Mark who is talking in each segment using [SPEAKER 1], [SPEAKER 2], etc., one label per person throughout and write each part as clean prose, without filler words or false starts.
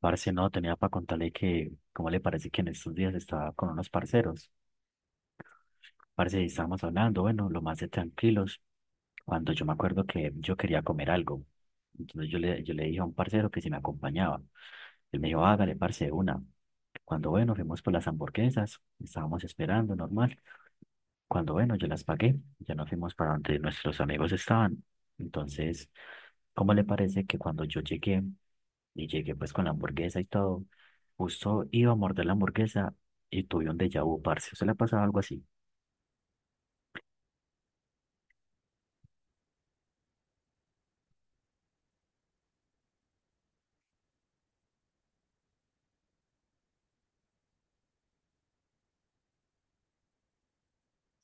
[SPEAKER 1] Parce, no, tenía para contarle que, ¿cómo le parece que en estos días estaba con unos parceros? Parce, y estábamos hablando, bueno, lo más de tranquilos, cuando yo me acuerdo que yo quería comer algo. Entonces yo le dije a un parcero que si me acompañaba. Él me dijo, hágale, parce, de una. Cuando, bueno, fuimos por las hamburguesas, estábamos esperando, normal. Cuando, bueno, yo las pagué, ya nos fuimos para donde nuestros amigos estaban. Entonces, ¿cómo le parece que cuando yo llegué, y llegué pues con la hamburguesa y todo. Justo iba a morder la hamburguesa y tuve un déjà vu, parce. ¿Se le ha pasado algo así?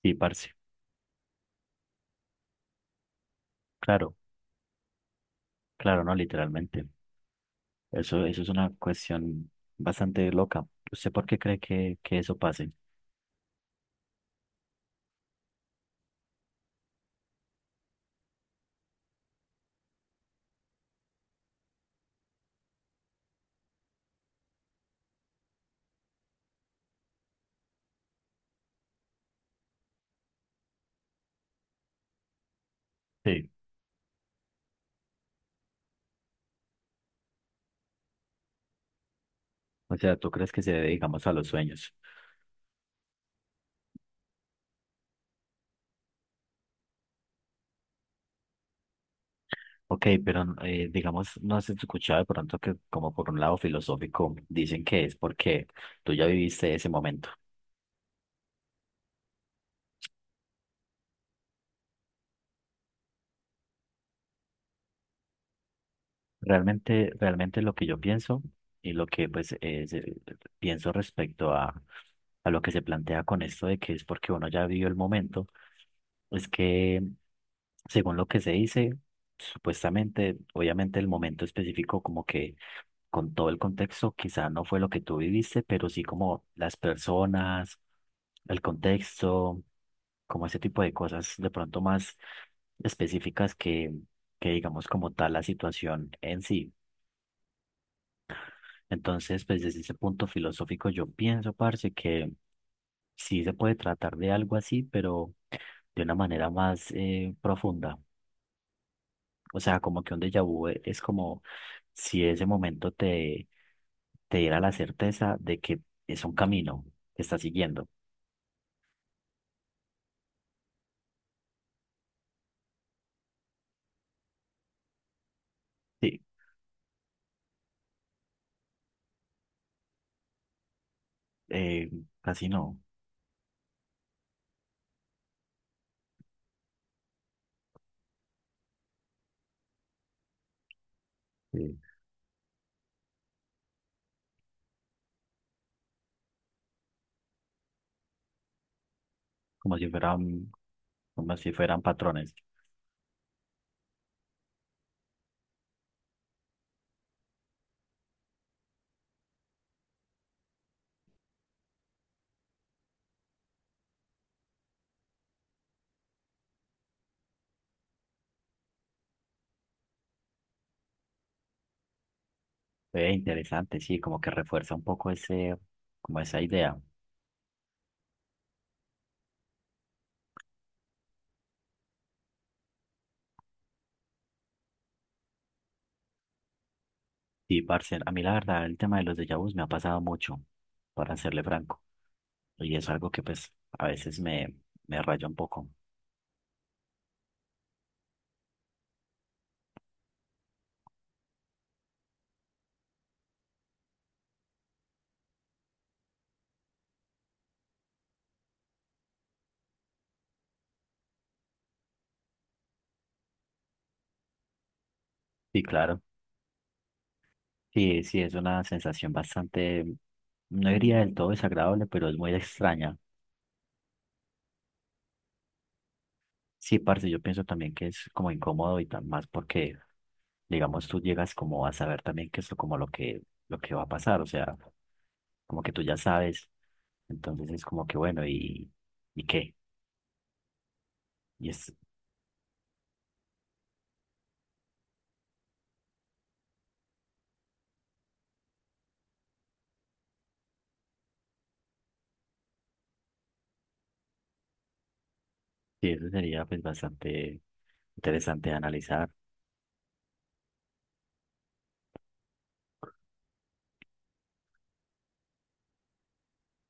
[SPEAKER 1] Sí, parce. Claro, claro, no, literalmente. Eso es una cuestión bastante loca. ¿Usted por qué cree que, eso pase? Sí. O sea, ¿tú crees que se debe, digamos, a los sueños? Ok, pero digamos, no has escuchado de pronto que como por un lado filosófico dicen que es porque tú ya viviste ese momento. Realmente lo que yo pienso y lo que pues es, pienso respecto a lo que se plantea con esto de que es porque uno ya vivió el momento, es que según lo que se dice, supuestamente, obviamente el momento específico como que con todo el contexto quizá no fue lo que tú viviste, pero sí como las personas, el contexto, como ese tipo de cosas de pronto más específicas que digamos como tal la situación en sí. Entonces, pues desde ese punto filosófico yo pienso, parce, que sí se puede tratar de algo así, pero de una manera más profunda. O sea, como que un déjà vu es como si ese momento te diera la certeza de que es un camino que estás siguiendo. Sí, eh, casi no. Sí. Como si fueran, como si fueran patrones. Interesante, sí, como que refuerza un poco ese, como esa idea. Sí, parce, a mí la verdad el tema de los déjà vus me ha pasado mucho, para serle franco, y es algo que pues a veces me raya un poco. Sí, claro, sí, sí, es una sensación bastante, no diría del todo desagradable, pero es muy extraña. Sí, parce, yo pienso también que es como incómodo y tan más porque, digamos, tú llegas como a saber también que es como lo que va a pasar, o sea, como que tú ya sabes, entonces es como que bueno, ¿y qué? Y es, sí, eso sería pues bastante interesante de analizar.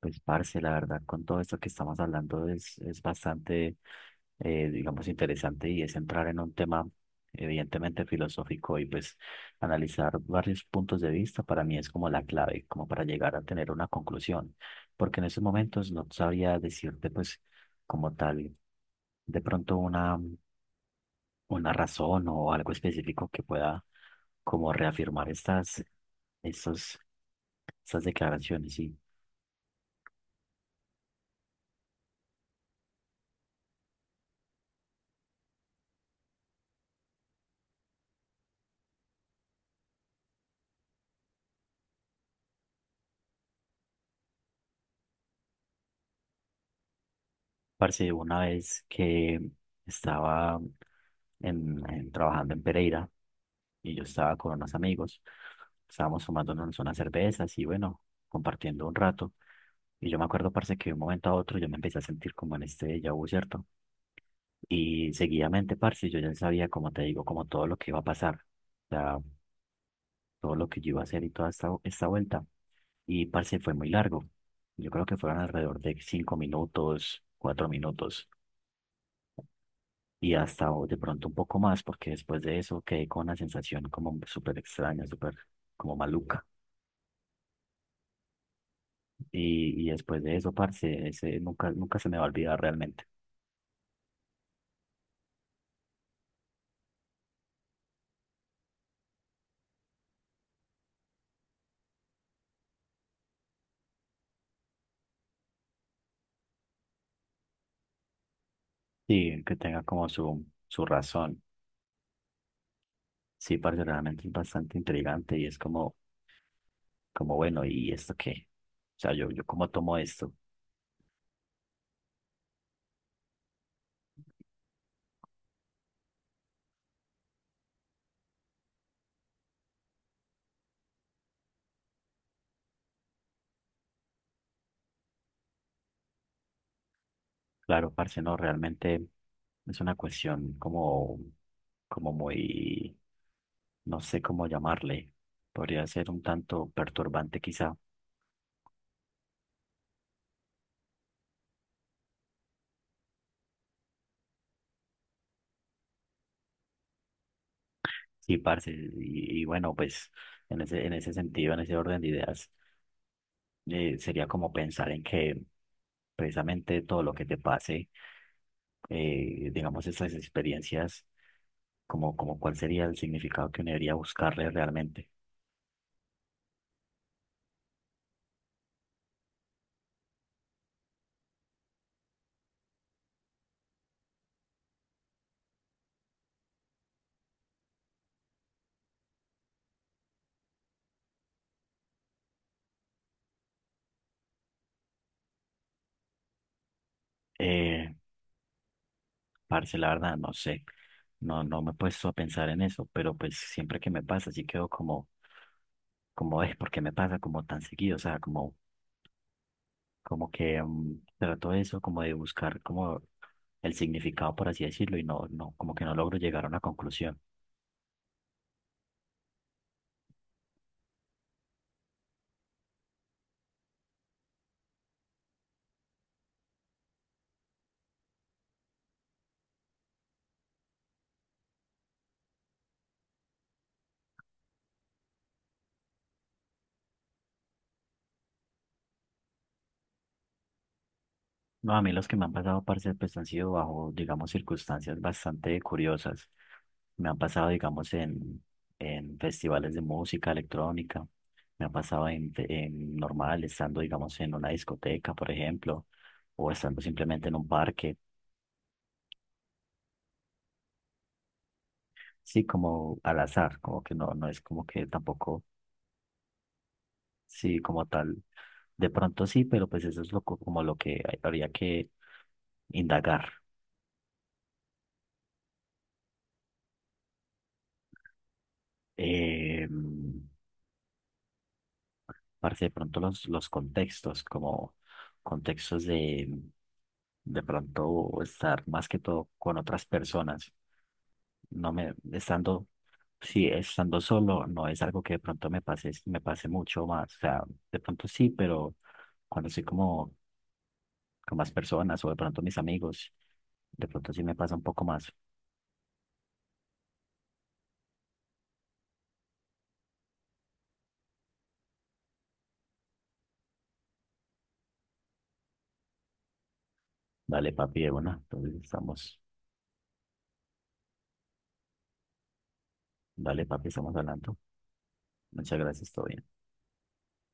[SPEAKER 1] Pues, parce, la verdad, con todo esto que estamos hablando es bastante, digamos, interesante y es entrar en un tema evidentemente filosófico y pues analizar varios puntos de vista para mí es como la clave, como para llegar a tener una conclusión, porque en esos momentos no sabría decirte pues como tal de pronto una razón o algo específico que pueda como reafirmar estas, estos, estas declaraciones. Sí. Parce, una vez que estaba trabajando en Pereira y yo estaba con unos amigos, estábamos tomándonos unas cervezas y bueno, compartiendo un rato. Y yo me acuerdo, parce, que de un momento a otro yo me empecé a sentir como en este déjà vu, ¿cierto? Y seguidamente, parce, yo ya sabía, como te digo, como todo lo que iba a pasar, o sea, todo lo que yo iba a hacer y toda esta, esta vuelta. Y parce, fue muy largo. Yo creo que fueron alrededor de 5 minutos, 4 minutos, y hasta o de pronto un poco más, porque después de eso quedé con una sensación como súper extraña, súper como maluca. Y después de eso, parce, ese nunca, nunca se me va a olvidar realmente. Sí, que tenga como su razón. Sí, parce, realmente es bastante intrigante y es como, como bueno, ¿y esto qué? O sea, yo cómo tomo esto. Claro, parce, no, realmente es una cuestión como, como muy, no sé cómo llamarle, podría ser un tanto perturbante quizá. Sí, parce, y bueno, pues en ese sentido, en ese orden de ideas, sería como pensar en que precisamente todo lo que te pase, digamos, esas experiencias, como, como cuál sería el significado que uno debería buscarle realmente. Eh, Parce, la verdad, no sé. No, no me he puesto a pensar en eso, pero pues siempre que me pasa, sí quedo como, como es, porque me pasa como tan seguido, o sea, como, como que trato eso, como de buscar como el significado, por así decirlo, y no, no, como que no logro llegar a una conclusión. No, a mí los que me han pasado, parce, pues han sido bajo, digamos, circunstancias bastante curiosas. Me han pasado, digamos, en festivales de música electrónica. Me ha pasado en, en normal, estando, digamos, en una discoteca, por ejemplo, o estando simplemente en un parque. Sí, como al azar, como que no, no es como que tampoco, sí, como tal. De pronto sí, pero pues eso es lo, como lo que habría que indagar. Eh, Parce, de pronto los contextos, como contextos de pronto estar más que todo con otras personas. No me, estando, sí, estando solo, no es algo que de pronto me pase mucho más. O sea, de pronto sí, pero cuando estoy como con más personas o de pronto mis amigos, de pronto sí me pasa un poco más. Dale, papi, de una. Entonces estamos, dale, papi, estamos hablando. Muchas gracias, todo bien.